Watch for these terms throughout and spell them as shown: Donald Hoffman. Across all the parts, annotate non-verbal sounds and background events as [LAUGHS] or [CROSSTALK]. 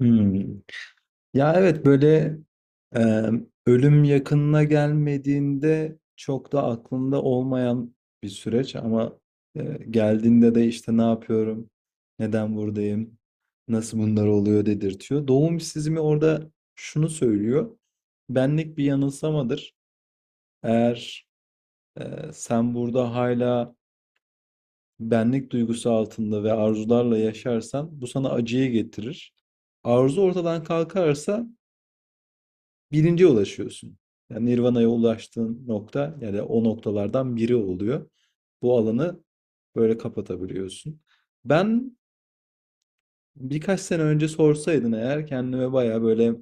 Hmm. Ya, evet, böyle, ölüm yakınına gelmediğinde çok da aklında olmayan bir süreç ama, geldiğinde de, işte, "Ne yapıyorum, neden buradayım, nasıl bunlar oluyor?" dedirtiyor. Doğum işsizliği orada şunu söylüyor, benlik bir yanılsamadır. Eğer, sen burada hala benlik duygusu altında ve arzularla yaşarsan bu sana acıyı getirir. Arzu ortadan kalkarsa birinciye ulaşıyorsun. Yani Nirvana'ya ulaştığın nokta ya o noktalardan biri oluyor. Bu alanı böyle kapatabiliyorsun. Ben birkaç sene önce sorsaydın eğer kendime bayağı böyle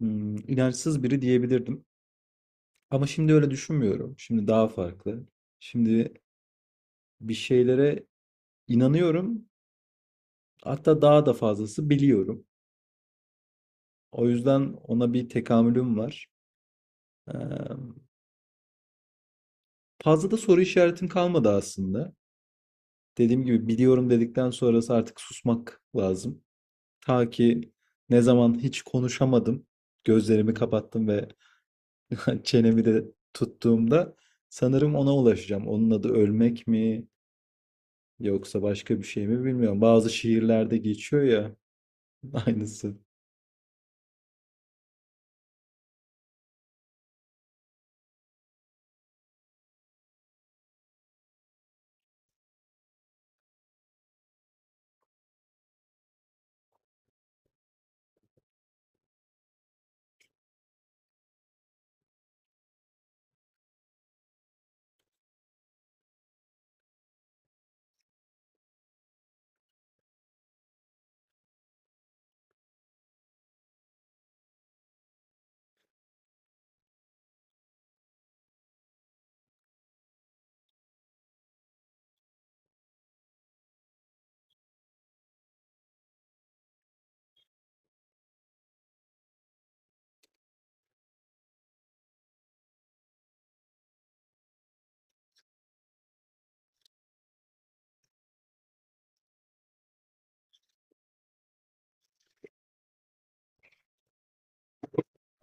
inançsız biri diyebilirdim. Ama şimdi öyle düşünmüyorum. Şimdi daha farklı. Şimdi bir şeylere inanıyorum. Hatta daha da fazlası biliyorum. O yüzden ona bir tekamülüm var. Ee, Fazla da soru işaretim kalmadı aslında. Dediğim gibi biliyorum dedikten sonrası artık susmak lazım. Ta ki ne zaman hiç konuşamadım, gözlerimi kapattım ve [LAUGHS] çenemi de tuttuğumda sanırım ona ulaşacağım. Onun adı ölmek mi yoksa başka bir şey mi bilmiyorum. Bazı şiirlerde geçiyor ya [LAUGHS] aynısı.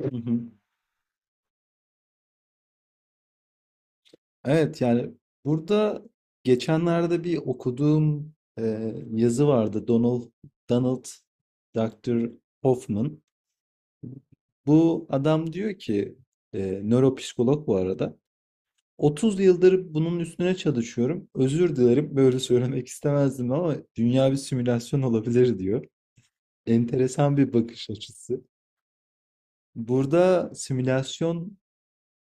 Hı hı. Evet, yani burada geçenlerde bir okuduğum yazı vardı. Donald Dr. Hoffman. Bu adam diyor ki, nöropsikolog bu arada. 30 yıldır bunun üstüne çalışıyorum. Özür dilerim, böyle söylemek istemezdim ama dünya bir simülasyon olabilir diyor. Enteresan bir bakış açısı. Burada simülasyon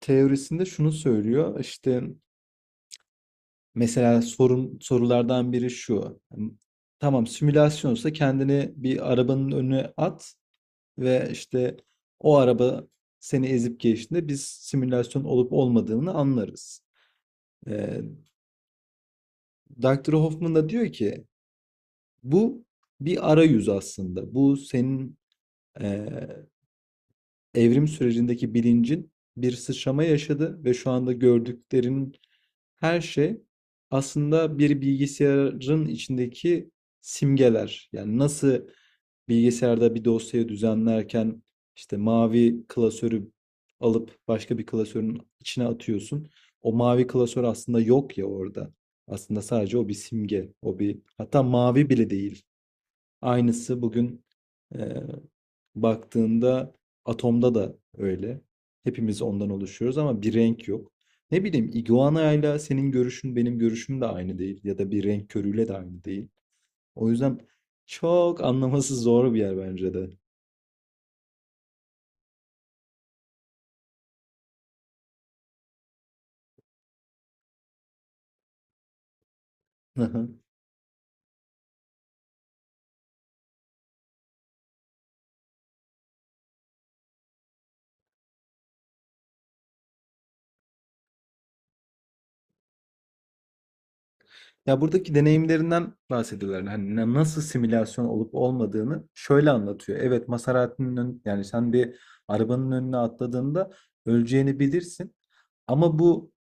teorisinde şunu söylüyor. İşte mesela sorun sorulardan biri şu. Tamam, simülasyonsa kendini bir arabanın önüne at. Ve işte o araba seni ezip geçtiğinde biz simülasyon olup olmadığını anlarız. Ee, Dr. Hoffman da diyor ki bu bir arayüz aslında. Bu senin e, evrim sürecindeki bilincin bir sıçrama yaşadı ve şu anda gördüklerin her şey aslında bir bilgisayarın içindeki simgeler. Yani nasıl bilgisayarda bir dosyayı düzenlerken işte mavi klasörü alıp başka bir klasörün içine atıyorsun. O mavi klasör aslında yok ya orada. Aslında sadece o bir simge. O bir hatta mavi bile değil. Aynısı bugün e, baktığında atomda da öyle. Hepimiz ondan oluşuyoruz ama bir renk yok. Ne bileyim iguanayla senin görüşün benim görüşüm de aynı değil ya da bir renk körüyle de aynı değil. O yüzden çok anlaması zor bir yer bence de. Hı hı. Ya, buradaki deneyimlerinden bahsediyorlar. Hani nasıl simülasyon olup olmadığını şöyle anlatıyor. Evet, Maserati'nin yani sen bir arabanın önüne atladığında öleceğini bilirsin. Ama bu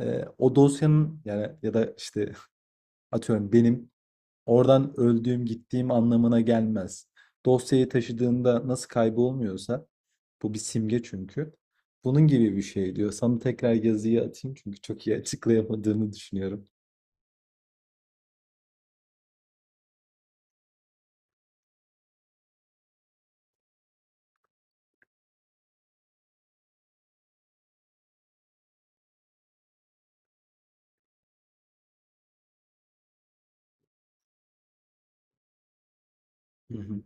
o dosyanın yani ya da işte [LAUGHS] atıyorum benim oradan öldüğüm, gittiğim anlamına gelmez. Dosyayı taşıdığında nasıl kaybolmuyorsa, bu bir simge çünkü. Bunun gibi bir şey diyor. Sana tekrar yazıyı atayım çünkü çok iyi açıklayamadığımı düşünüyorum. Hı hı.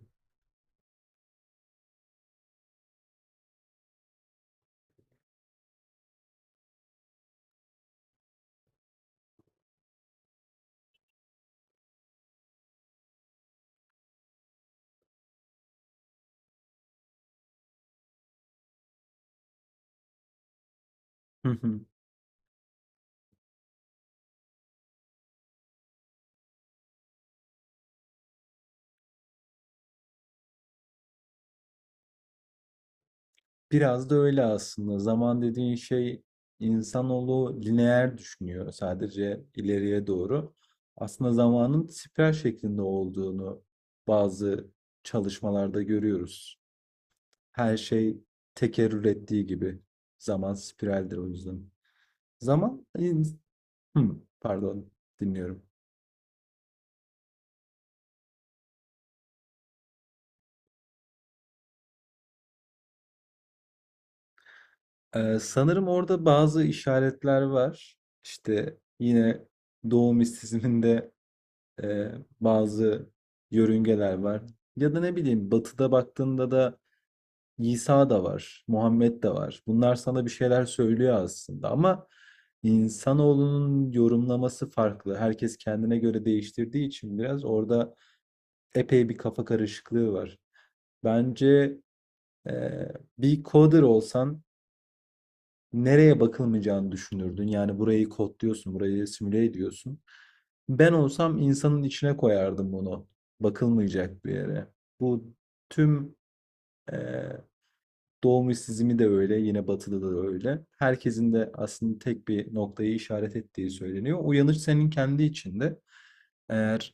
Hı hı. Biraz da öyle aslında. Zaman dediğin şey insanoğlu lineer düşünüyor sadece ileriye doğru. Aslında zamanın spiral şeklinde olduğunu bazı çalışmalarda görüyoruz. Her şey tekerrür ettiği gibi. Zaman spiraldir o yüzden. Zaman, pardon, dinliyorum. Sanırım orada bazı işaretler var. İşte yine Doğu mistisizminde e, bazı yörüngeler var. Ya da ne bileyim Batı'da baktığında da İsa da var, Muhammed de var. Bunlar sana bir şeyler söylüyor aslında ama insanoğlunun yorumlaması farklı. Herkes kendine göre değiştirdiği için biraz orada epey bir kafa karışıklığı var. Bence e, bir coder olsan nereye bakılmayacağını düşünürdün. Yani burayı kodluyorsun, burayı simüle ediyorsun. Ben olsam insanın içine koyardım bunu. Bakılmayacak bir yere. Bu tüm e, doğum işsizliği de öyle, yine batıda da öyle. Herkesin de aslında tek bir noktayı işaret ettiği söyleniyor. Uyanış senin kendi içinde. Eğer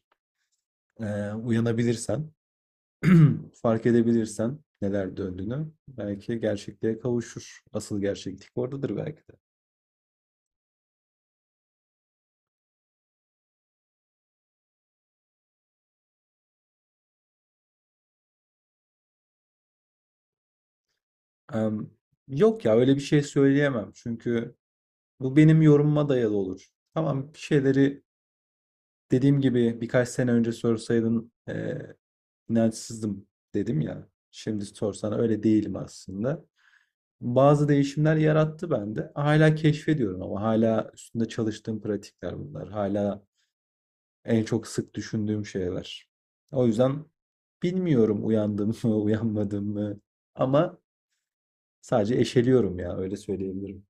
uyanabilirsen [CLEARS THROAT] [LAUGHS] fark edebilirsen neler döndüğünü belki gerçekliğe kavuşur. Asıl gerçeklik oradadır belki de. Em, Yok ya, öyle bir şey söyleyemem. Çünkü bu benim yorumuma dayalı olur. Tamam, bir şeyleri dediğim gibi birkaç sene önce sorsaydın inançsızdım dedim ya. Şimdi sorsan öyle değilim aslında. Bazı değişimler yarattı bende. Hala keşfediyorum ama hala üstünde çalıştığım pratikler bunlar. Hala en çok sık düşündüğüm şeyler. O yüzden bilmiyorum uyandım mı, [LAUGHS] uyanmadım mı ama sadece eşeliyorum ya öyle söyleyebilirim.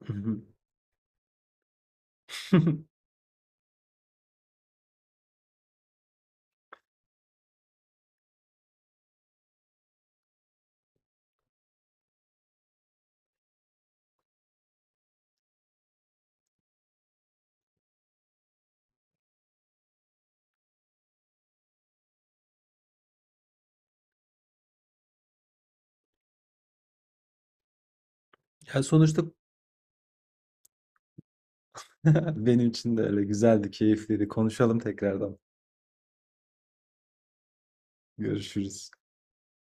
[LAUGHS] Ya sonuçta [LAUGHS] benim için de öyle güzeldi, keyifliydi. Konuşalım tekrardan. Görüşürüz.